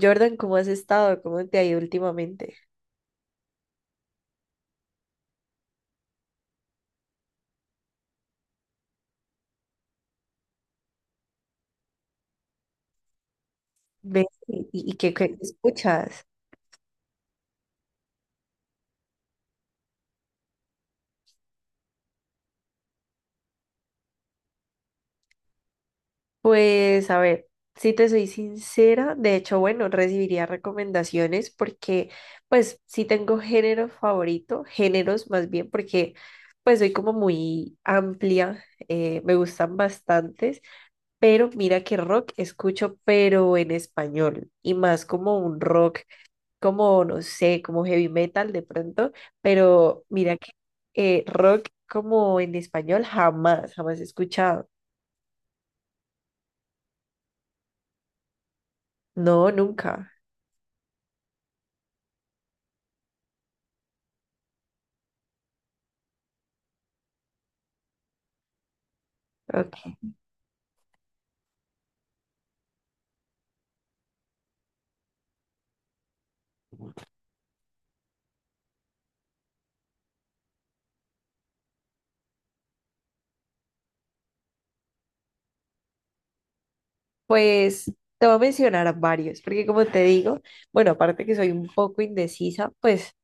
Jordan, ¿cómo has estado? ¿Cómo te ha ido últimamente? Ve, ¿Y qué escuchas? Pues a ver, si te soy sincera, de hecho, bueno, recibiría recomendaciones porque pues sí tengo género favorito, géneros más bien, porque pues soy como muy amplia, me gustan bastantes, pero mira que rock escucho, pero en español y más como un rock como, no sé, como heavy metal de pronto, pero mira que rock como en español jamás, jamás he escuchado. No, nunca. Ok. Pues te voy a mencionar varios, porque como te digo, bueno, aparte que soy un poco indecisa, pues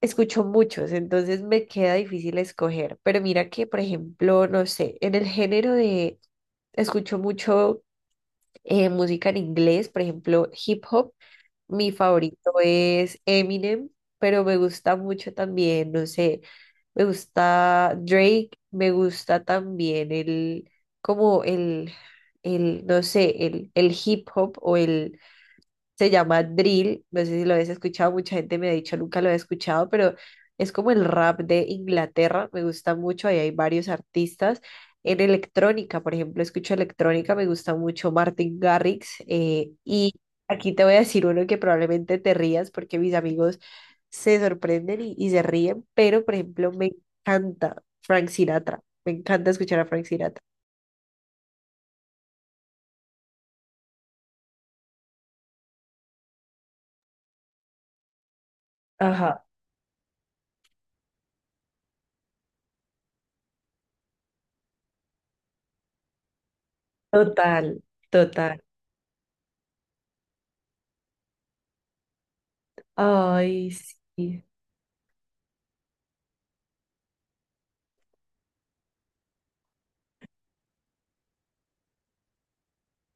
escucho muchos, entonces me queda difícil escoger. Pero mira que, por ejemplo, no sé, en el género de, escucho mucho música en inglés, por ejemplo, hip hop. Mi favorito es Eminem, pero me gusta mucho también, no sé, me gusta Drake, me gusta también el, como el, no sé, el hip hop o el se llama drill, no sé si lo habéis escuchado, mucha gente me ha dicho nunca lo he escuchado, pero es como el rap de Inglaterra, me gusta mucho, ahí hay varios artistas. En electrónica, por ejemplo, escucho electrónica, me gusta mucho Martin Garrix y aquí te voy a decir uno que probablemente te rías porque mis amigos se sorprenden y se ríen, pero por ejemplo me encanta Frank Sinatra, me encanta escuchar a Frank Sinatra. Ajá, total, total. Ay, sí.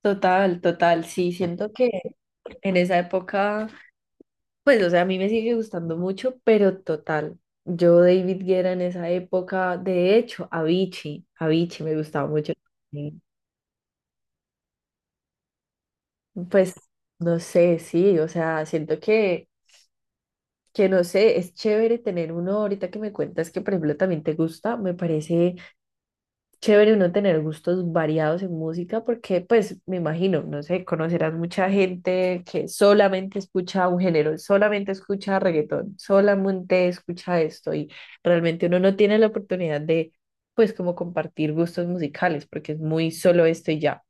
Total, total, sí, siento que en esa época, pues, o sea, a mí me sigue gustando mucho, pero total, yo David Guerra en esa época, de hecho, Avicii me gustaba mucho. Y, Pues, no sé, sí, o sea, siento que no sé, es chévere tener uno, ahorita que me cuentas que, por ejemplo, también te gusta, me parece chévere uno tener gustos variados en música porque, pues, me imagino, no sé, conocerás mucha gente que solamente escucha un género, solamente escucha reggaetón, solamente escucha esto y realmente uno no tiene la oportunidad de, pues, como compartir gustos musicales porque es muy solo esto y ya.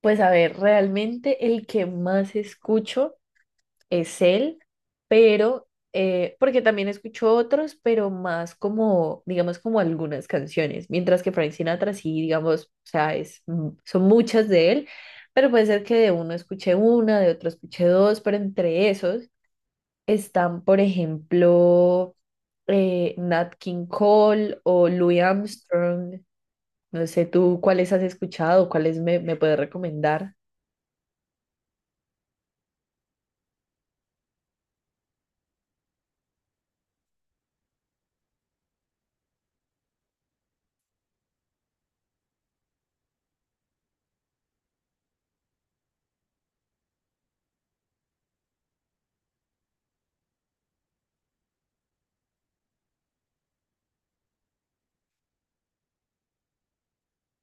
Pues, a ver, realmente el que más escucho es él, pero, porque también escucho otros, pero más como, digamos, como algunas canciones, mientras que Frank Sinatra sí, digamos, o sea, es, son muchas de él, pero puede ser que de uno escuche una, de otro escuche dos, pero entre esos están, por ejemplo, Nat King Cole o Louis Armstrong. No sé tú cuáles has escuchado, cuáles me puedes recomendar.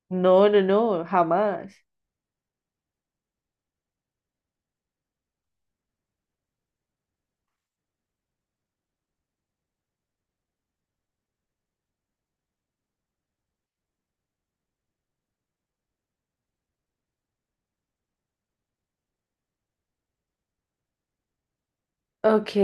No, no, no, jamás. Ok,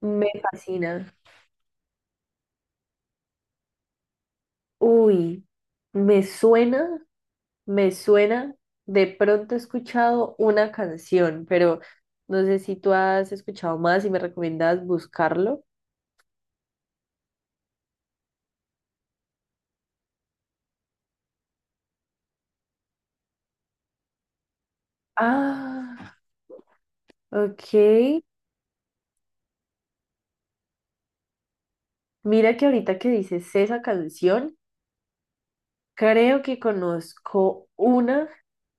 me fascina. Uy, me suena, me suena. De pronto he escuchado una canción, pero no sé si tú has escuchado más y me recomiendas buscarlo. Ah, ok. Mira que ahorita que dices esa canción, creo que conozco una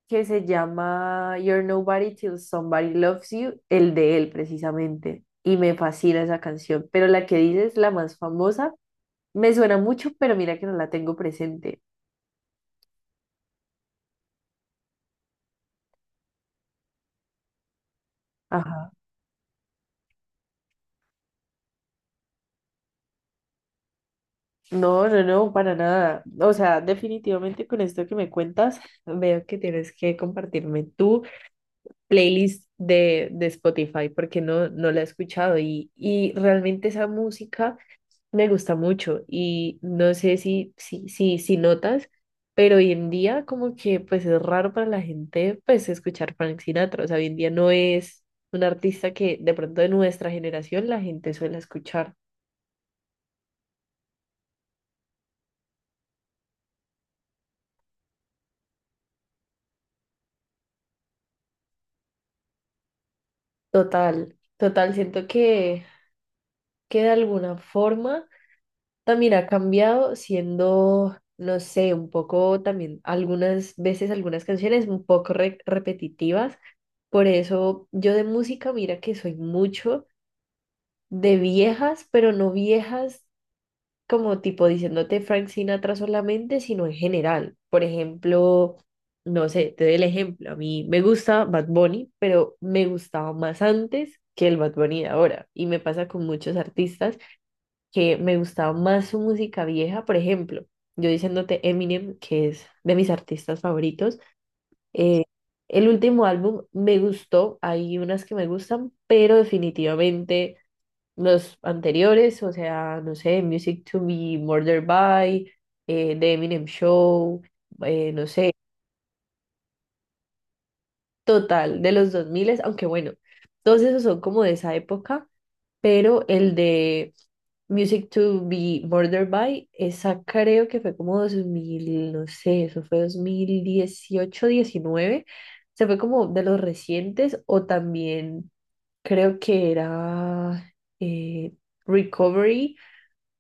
que se llama You're Nobody Till Somebody Loves You, el de él precisamente. Y me fascina esa canción, pero la que dices, la más famosa, me suena mucho, pero mira que no la tengo presente. Ajá. No, no, no, para nada. O sea, definitivamente con esto que me cuentas, veo que tienes que compartirme tu playlist de Spotify porque no, no la he escuchado y realmente esa música me gusta mucho y no sé si notas, pero hoy en día como que pues es raro para la gente pues escuchar Frank Sinatra. O sea, hoy en día no es un artista que de pronto de nuestra generación la gente suele escuchar. Total. Total, siento que de alguna forma también ha cambiado siendo, no sé, un poco también algunas veces algunas canciones un poco repetitivas. Por eso yo de música, mira que soy mucho de viejas, pero no viejas como tipo diciéndote Frank Sinatra solamente, sino en general. Por ejemplo, no sé, te doy el ejemplo. A mí me gusta Bad Bunny, pero me gustaba más antes que el Bad Bunny de ahora. Y me pasa con muchos artistas que me gustaba más su música vieja, por ejemplo, yo diciéndote Eminem, que es de mis artistas favoritos, eh, el último álbum me gustó, hay unas que me gustan, pero definitivamente los anteriores, o sea, no sé, Music to Be Murdered By, The Eminem Show, no sé, total, de los 2000, aunque bueno, todos esos son como de esa época pero el de Music to be Murdered by, esa creo que fue como 2000 no sé, eso fue 2018, 2019 se fue como de los recientes o también creo que era eh, Recovery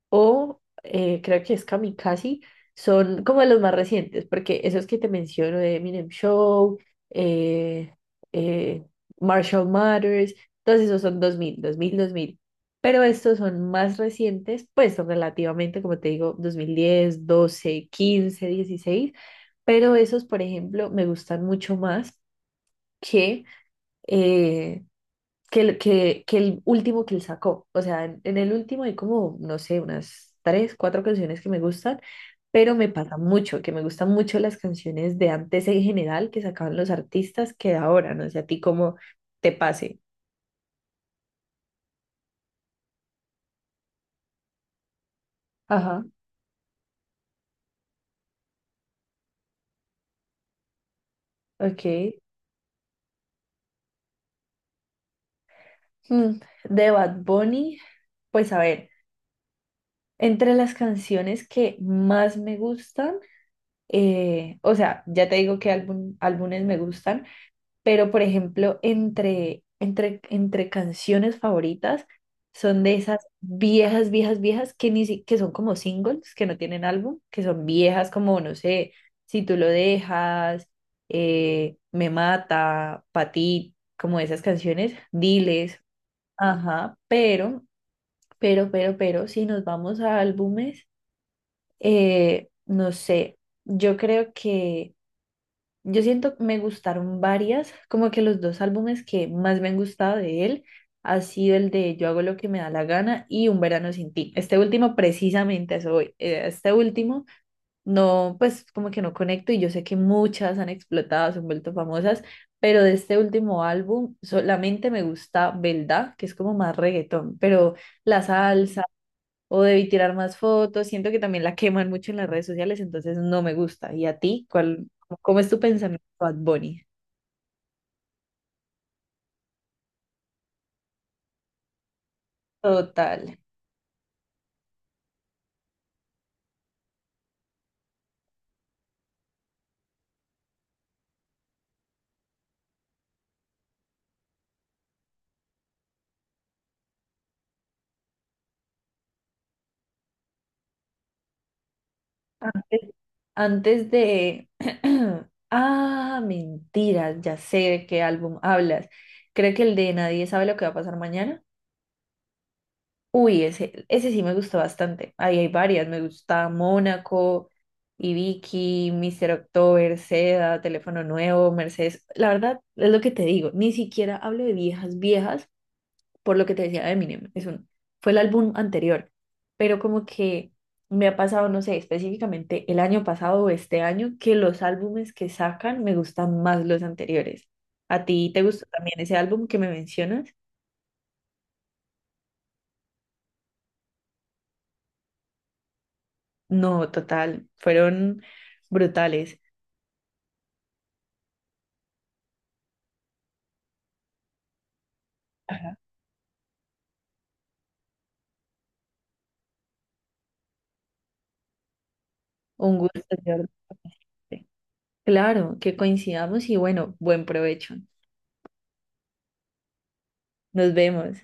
o creo que es Kamikaze, son como de los más recientes, porque esos que te menciono de Eminem Show, eh, eh, Marshall Matters, todos esos son dos dos mil dos mil dos mil Pero estos son más recientes, pues son relativamente, como te digo, 2010, 2012, 2015, 2016 Pero esos, por ejemplo, me gustan mucho más que, eh, que el último que él sacó. O sea, en el último hay como, no sé, unas tres, cuatro canciones que me gustan, pero me pasa mucho, que me gustan mucho las canciones de antes en general que sacaban los artistas que de ahora, no sé, a ti cómo te pase. Ajá. Ok. De Bad Bunny, pues a ver, entre las canciones que más me gustan, o sea, ya te digo qué álbum, álbumes me gustan. Pero por ejemplo, entre canciones favoritas son de esas viejas, viejas, viejas que, ni, si- que son como singles, que no tienen álbum, que son viejas como, no sé, Si tú lo dejas, Me mata, Pa' ti, como esas canciones, Diles, ajá, si nos vamos a álbumes, no sé, yo creo que... Yo siento que me gustaron varias, como que los dos álbumes que más me han gustado de él ha sido el de Yo hago lo que me da la gana y Un verano sin ti. Este último precisamente a eso voy. Este último no, pues como que no conecto y yo sé que muchas han explotado, se han vuelto famosas, pero de este último álbum solamente me gusta Belda, que es como más reggaetón, pero la salsa o debí tirar más fotos. Siento que también la queman mucho en las redes sociales, entonces no me gusta. ¿Y a ti? ¿Cuál, cómo es tu pensamiento, Bad Bunny? Total. Antes, antes de... Ah, mentiras, ya sé de qué álbum hablas. Creo que el de Nadie sabe lo que va a pasar mañana. Uy, ese sí me gustó bastante. Ahí hay varias. Me gusta Mónaco, Ibiki, Mr. October, Seda, Teléfono Nuevo, Mercedes. La verdad, es lo que te digo. Ni siquiera hablo de viejas, viejas, por lo que te decía de Eminem. Fue el álbum anterior. Pero como que me ha pasado, no sé, específicamente el año pasado o este año, que los álbumes que sacan me gustan más los anteriores. ¿A ti te gustó también ese álbum que me mencionas? No, total. Fueron brutales. Ajá. Un gusto, Jordan. Claro, que coincidamos y bueno, buen provecho. Nos vemos.